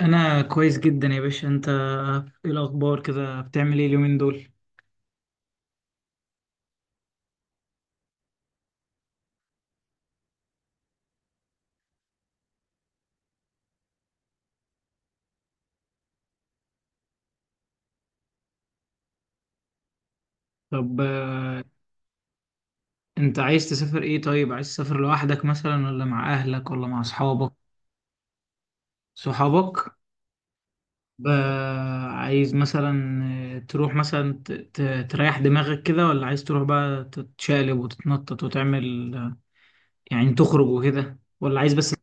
انا كويس جدا يا باشا. انت ايه الاخبار كده، بتعمل ايه اليومين دول؟ طب، انت عايز تسافر ايه؟ طيب، عايز تسافر لوحدك مثلا، ولا مع اهلك ولا مع اصحابك؟ صحابك. ب- عايز مثلا تروح مثلا تريح دماغك كده، ولا عايز تروح بقى تتشقلب وتتنطط وتعمل يعني تخرج وكده، ولا عايز بس؟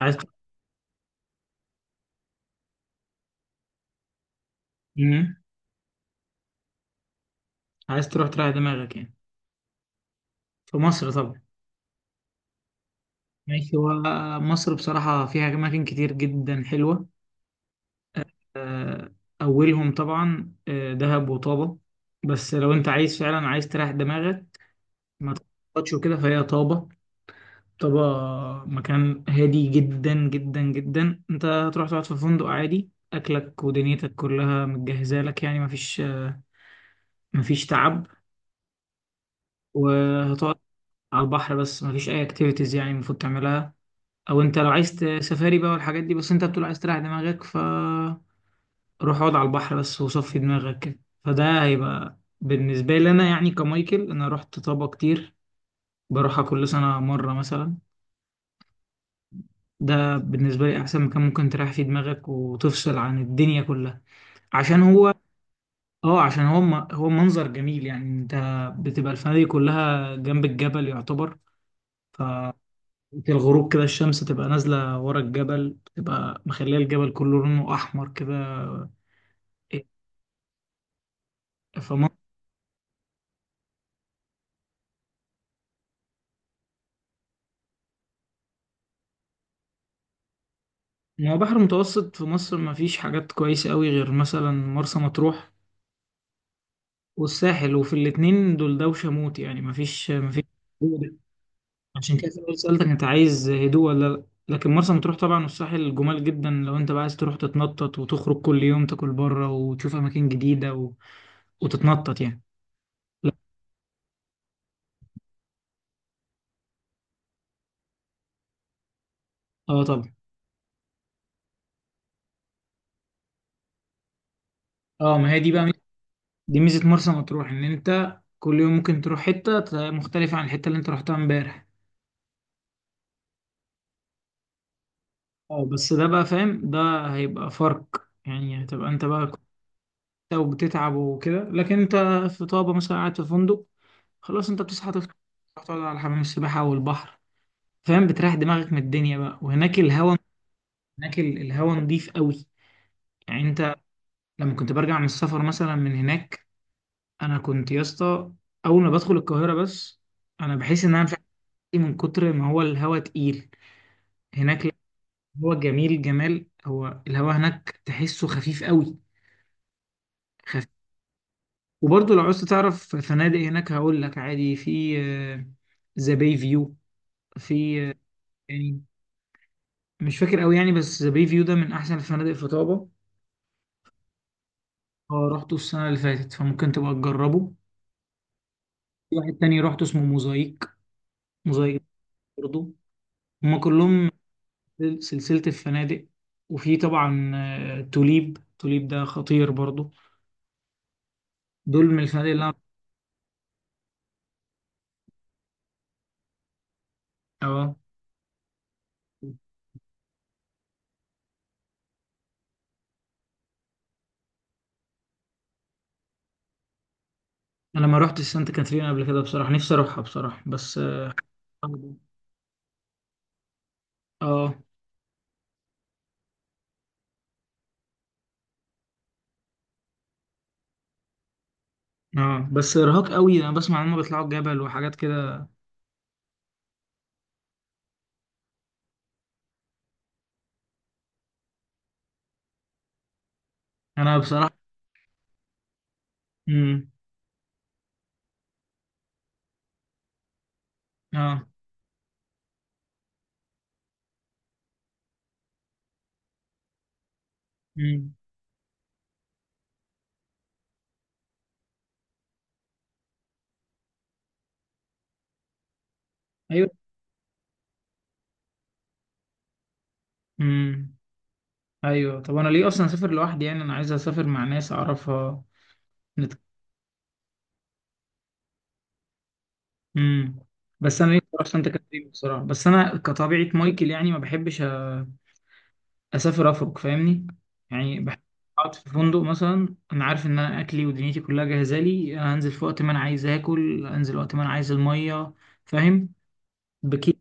عايز مم. عايز تروح تريح دماغك يعني؟ في مصر طبعا. ماشي. هو مصر بصراحة فيها أماكن كتير جدا حلوة. آه، أولهم طبعا دهب وطابة. بس لو أنت عايز فعلا عايز تريح دماغك، ما تخططش وكده، فهي طابة. طابة مكان هادي جدا جدا جدا. أنت هتروح تقعد في فندق عادي، أكلك ودنيتك كلها متجهزة لك، يعني مفيش تعب. وهتقعد على البحر بس، مفيش أي أكتيفيتيز يعني المفروض تعملها. أو أنت لو عايز سفاري بقى والحاجات دي، بس أنت بتقول عايز تريح دماغك، ف روح اقعد على البحر بس وصفي دماغك كده. فده هيبقى بالنسبة لي أنا يعني كمايكل، أنا رحت طابة كتير، بروحها كل سنة مرة مثلا. ده بالنسبة لي أحسن مكان ممكن تريح فيه دماغك وتفصل عن الدنيا كلها، عشان هو اه عشان هو هو منظر جميل. يعني انت بتبقى الفنادق كلها جنب الجبل يعتبر، ف الغروب كده الشمس تبقى نازلة ورا الجبل، تبقى مخلية الجبل كله لونه أحمر كده. ما هو بحر متوسط في مصر ما فيش حاجات كويسة قوي غير مثلا مرسى مطروح والساحل، وفي الاتنين دول دوشة موت، يعني ما فيش. عشان كده سألتك انت عايز هدوء ولا لا، لكن مرسى مطروح طبعا والساحل جمال جدا، لو انت بقى عايز تروح تتنطط وتخرج كل يوم تاكل بره وتشوف اماكن جديدة وتتنطط يعني. لا. اه طبعا. اه، ما هي دي بقى دي ميزة مرسى مطروح، ان انت كل يوم ممكن تروح حتة مختلفة عن الحتة اللي انت رحتها امبارح. اه، بس ده بقى فاهم، ده هيبقى فرق. يعني هتبقى انت بقى كنت وبتتعب وكده، لكن انت في طابة مثلا قاعد في فندق، خلاص انت بتصحى تفطر، تروح تقعد على حمام السباحة والبحر، فاهم، بتريح دماغك من الدنيا بقى. وهناك الهوا، هناك الهوا نضيف قوي. يعني انت لما كنت برجع من السفر مثلا من هناك، انا كنت يا اسطى اول ما بدخل القاهرة بس، انا بحس ان انا مش عارف ايه، من كتر ما هو الهوا تقيل. هناك لا، هو جميل جمال، هو الهوا هناك تحسه خفيف قوي. وبرضه لو عوزت تعرف فنادق هناك هقول لك، عادي في ذا باي فيو، في يعني مش فاكر قوي يعني، بس ذا باي فيو ده من احسن الفنادق في طابة. اه رحته السنة اللي فاتت، فممكن تبقى تجربه. في واحد تاني رحته اسمه موزايك. موزايك برضه. هما كلهم سلسلة الفنادق. وفي طبعا توليب، توليب ده خطير برضه. دول من الفنادق اللي انا. اه، انا ما رحتش سانتا كاترين قبل كده بصراحة، نفسي اروحها بصراحة، بس اه. آه. اه، بس ارهاق قوي، انا بسمع ان هم بيطلعوا الجبل وحاجات كده. انا بصراحه. امم. اه. امم. ايوه. امم. ايوه، طب انا ليه اصلا اسافر لوحدي؟ يعني انا عايز اسافر مع ناس اعرفها. نت... امم. بس انا ليه بصراحه، عشان تكلم بصراحه، بس انا كطبيعه مايكل يعني ما بحبش اسافر افرق، فاهمني؟ يعني بحب اقعد في فندق مثلا، انا عارف ان انا اكلي ودنيتي كلها جاهزه لي أنا، هنزل في وقت ما انا عايز اكل، انزل وقت ما انا عايز الميه، فاهم، بكيف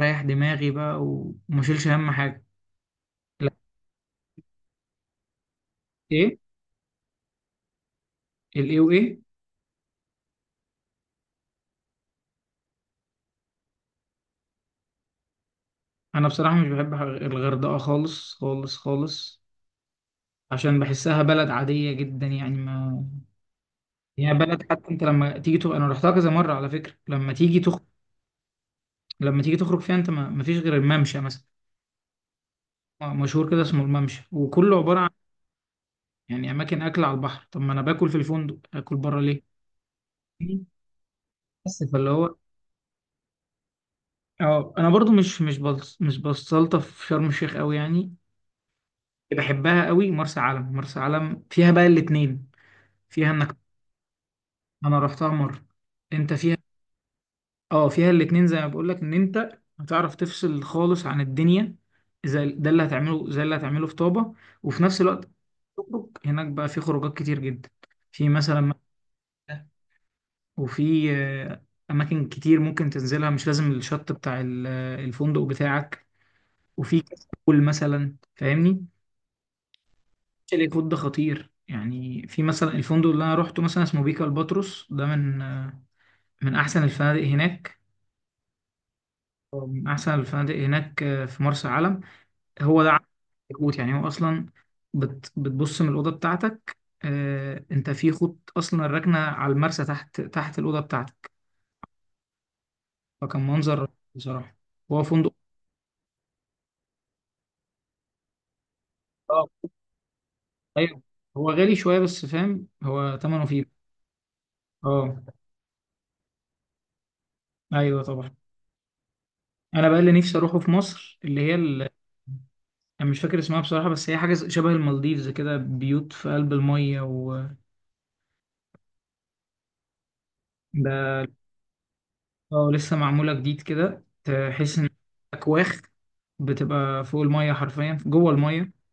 ريح دماغي بقى وما اشيلش اهم حاجه. لا. ايه؟ الايه وايه؟ انا بصراحه مش بحب الغردقه خالص خالص خالص، عشان بحسها بلد عاديه جدا. يعني ما يعني هي بلد، حتى انت لما تيجي انا رحتها كذا مره على فكره، لما تيجي لما تيجي تخرج فيها انت ما فيش غير الممشى مثلا، مشهور كده اسمه الممشى، وكله عباره عن يعني اماكن اكل على البحر، طب ما انا باكل في الفندق، اكل بره ليه؟ بس فاللي هو اه. انا برضو مش مش مش بستلطف في شرم الشيخ قوي يعني، بحبها قوي مرسى علم. مرسى علم فيها بقى الاتنين، فيها انك. انا رحتها مرة. انت فيها، اه فيها الاتنين زي ما بقول لك، ان انت هتعرف تفصل خالص عن الدنيا زي ده اللي هتعمله، زي اللي هتعمله في طابة. وفي نفس الوقت تخرج هناك بقى، في خروجات كتير جدا، في مثلا وفي اماكن كتير ممكن تنزلها، مش لازم الشط بتاع الفندق بتاعك. وفي كاس مثلا، فاهمني، شاليه كود ده خطير. يعني في مثلا الفندق اللي انا روحته مثلا اسمه بيكا الباتروس، ده من من احسن الفنادق هناك. أو من احسن الفنادق هناك في مرسى علم. هو ده كوت يعني، هو اصلا بتبص من الاوضه بتاعتك، آه انت في خط اصلا راكنه على المرسى، تحت تحت الاوضه بتاعتك، فكان منظر رهيب بصراحه. هو فندق. اه. ايوه، هو غالي شويه بس فاهم، هو ثمنه فيه. اه. ايوه طبعا. انا بقى اللي نفسي اروحه في مصر اللي هي الساحل. انا مش فاكر اسمها بصراحة، بس هي حاجة شبه المالديفز كده، بيوت في قلب المية و ده اه لسه معمولة جديد كده، تحس ان اكواخ بتبقى فوق المية، حرفيا جوه المية.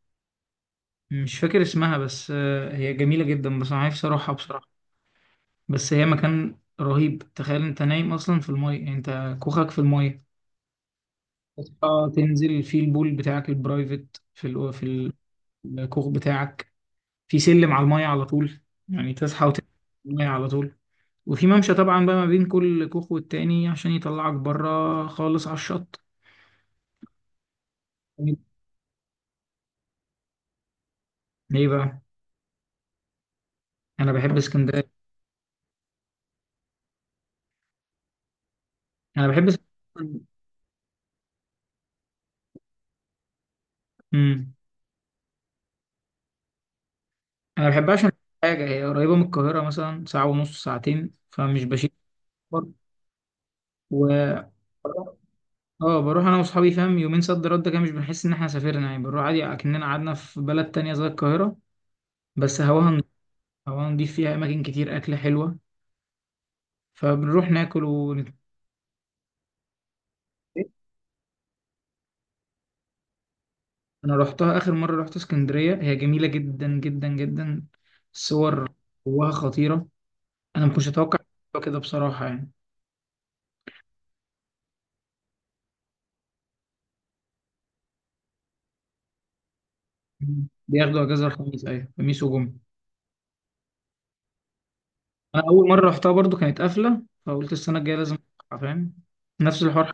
مش فاكر اسمها بس هي جميلة جدا، بس انا نفسي اروحها بصراحة. بس هي مكان رهيب، تخيل انت نايم اصلا في المية، يعني انت كوخك في المية، تصحى تنزل في البول بتاعك البرايفت في الكوخ بتاعك، في سلم على المية على طول، يعني تصحى وتنزل المية على طول. وفي ممشى طبعا بقى ما بين كل كوخ والتاني، عشان يطلعك بره خالص على الشط. ليه بقى؟ انا بحب اسكندريه. انا بحب اسكندريه. امم. انا بحبها عشان حاجه، هي قريبه من القاهره، مثلا ساعه ونص، ساعتين، فمش بشيل سفر. و اه بروح انا واصحابي، فاهم، يومين صد رد كده، مش بنحس ان احنا سافرنا، يعني بنروح عادي اكننا قعدنا في بلد تانية زي القاهره. بس هواها نضيف، فيها اماكن كتير اكل حلوه، فبنروح ناكل ونتفق. انا رحتها اخر مره رحت اسكندريه، هي جميله جدا جدا جدا. الصور جواها خطيره، انا ما كنتش اتوقع كده بصراحه يعني. مم. بياخدوا اجازه الخميس ايوه، خميس وجمعه. انا اول مره رحتها برضو كانت قافله، فقلت السنه الجايه لازم أروحها، فاهم، نفس الحوار.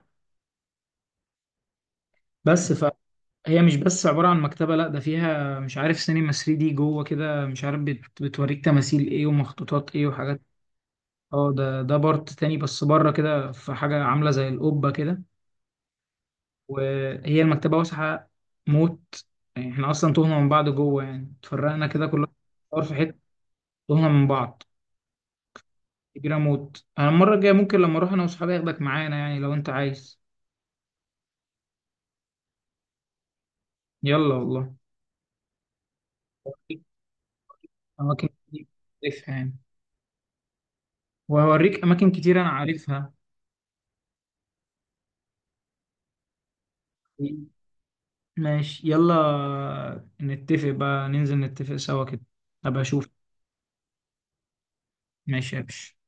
بس فهي مش بس عباره عن مكتبه، لا، ده فيها مش عارف سينما 3 دي جوه كده، مش عارف بتوريك تماثيل ايه ومخطوطات ايه وحاجات. اه، ده ده بارت تاني، بس بره كده في حاجه عامله زي القبه كده. وهي المكتبة واسعة موت، يعني احنا أصلا تهنا من بعض جوه، يعني اتفرقنا كده كلنا في حتة، تهنا من بعض، كبيرة موت. أنا المرة الجاية ممكن لما أروح أنا وأصحابي أخدك معانا، يعني لو أنت عايز. يلا والله. أماكن كتير عارفها يعني، وهوريك أماكن كتير أنا عارفها. ماشي، يلا نتفق بقى، ننزل نتفق سوا كده، أبقى أشوف. ماشي يا باشا.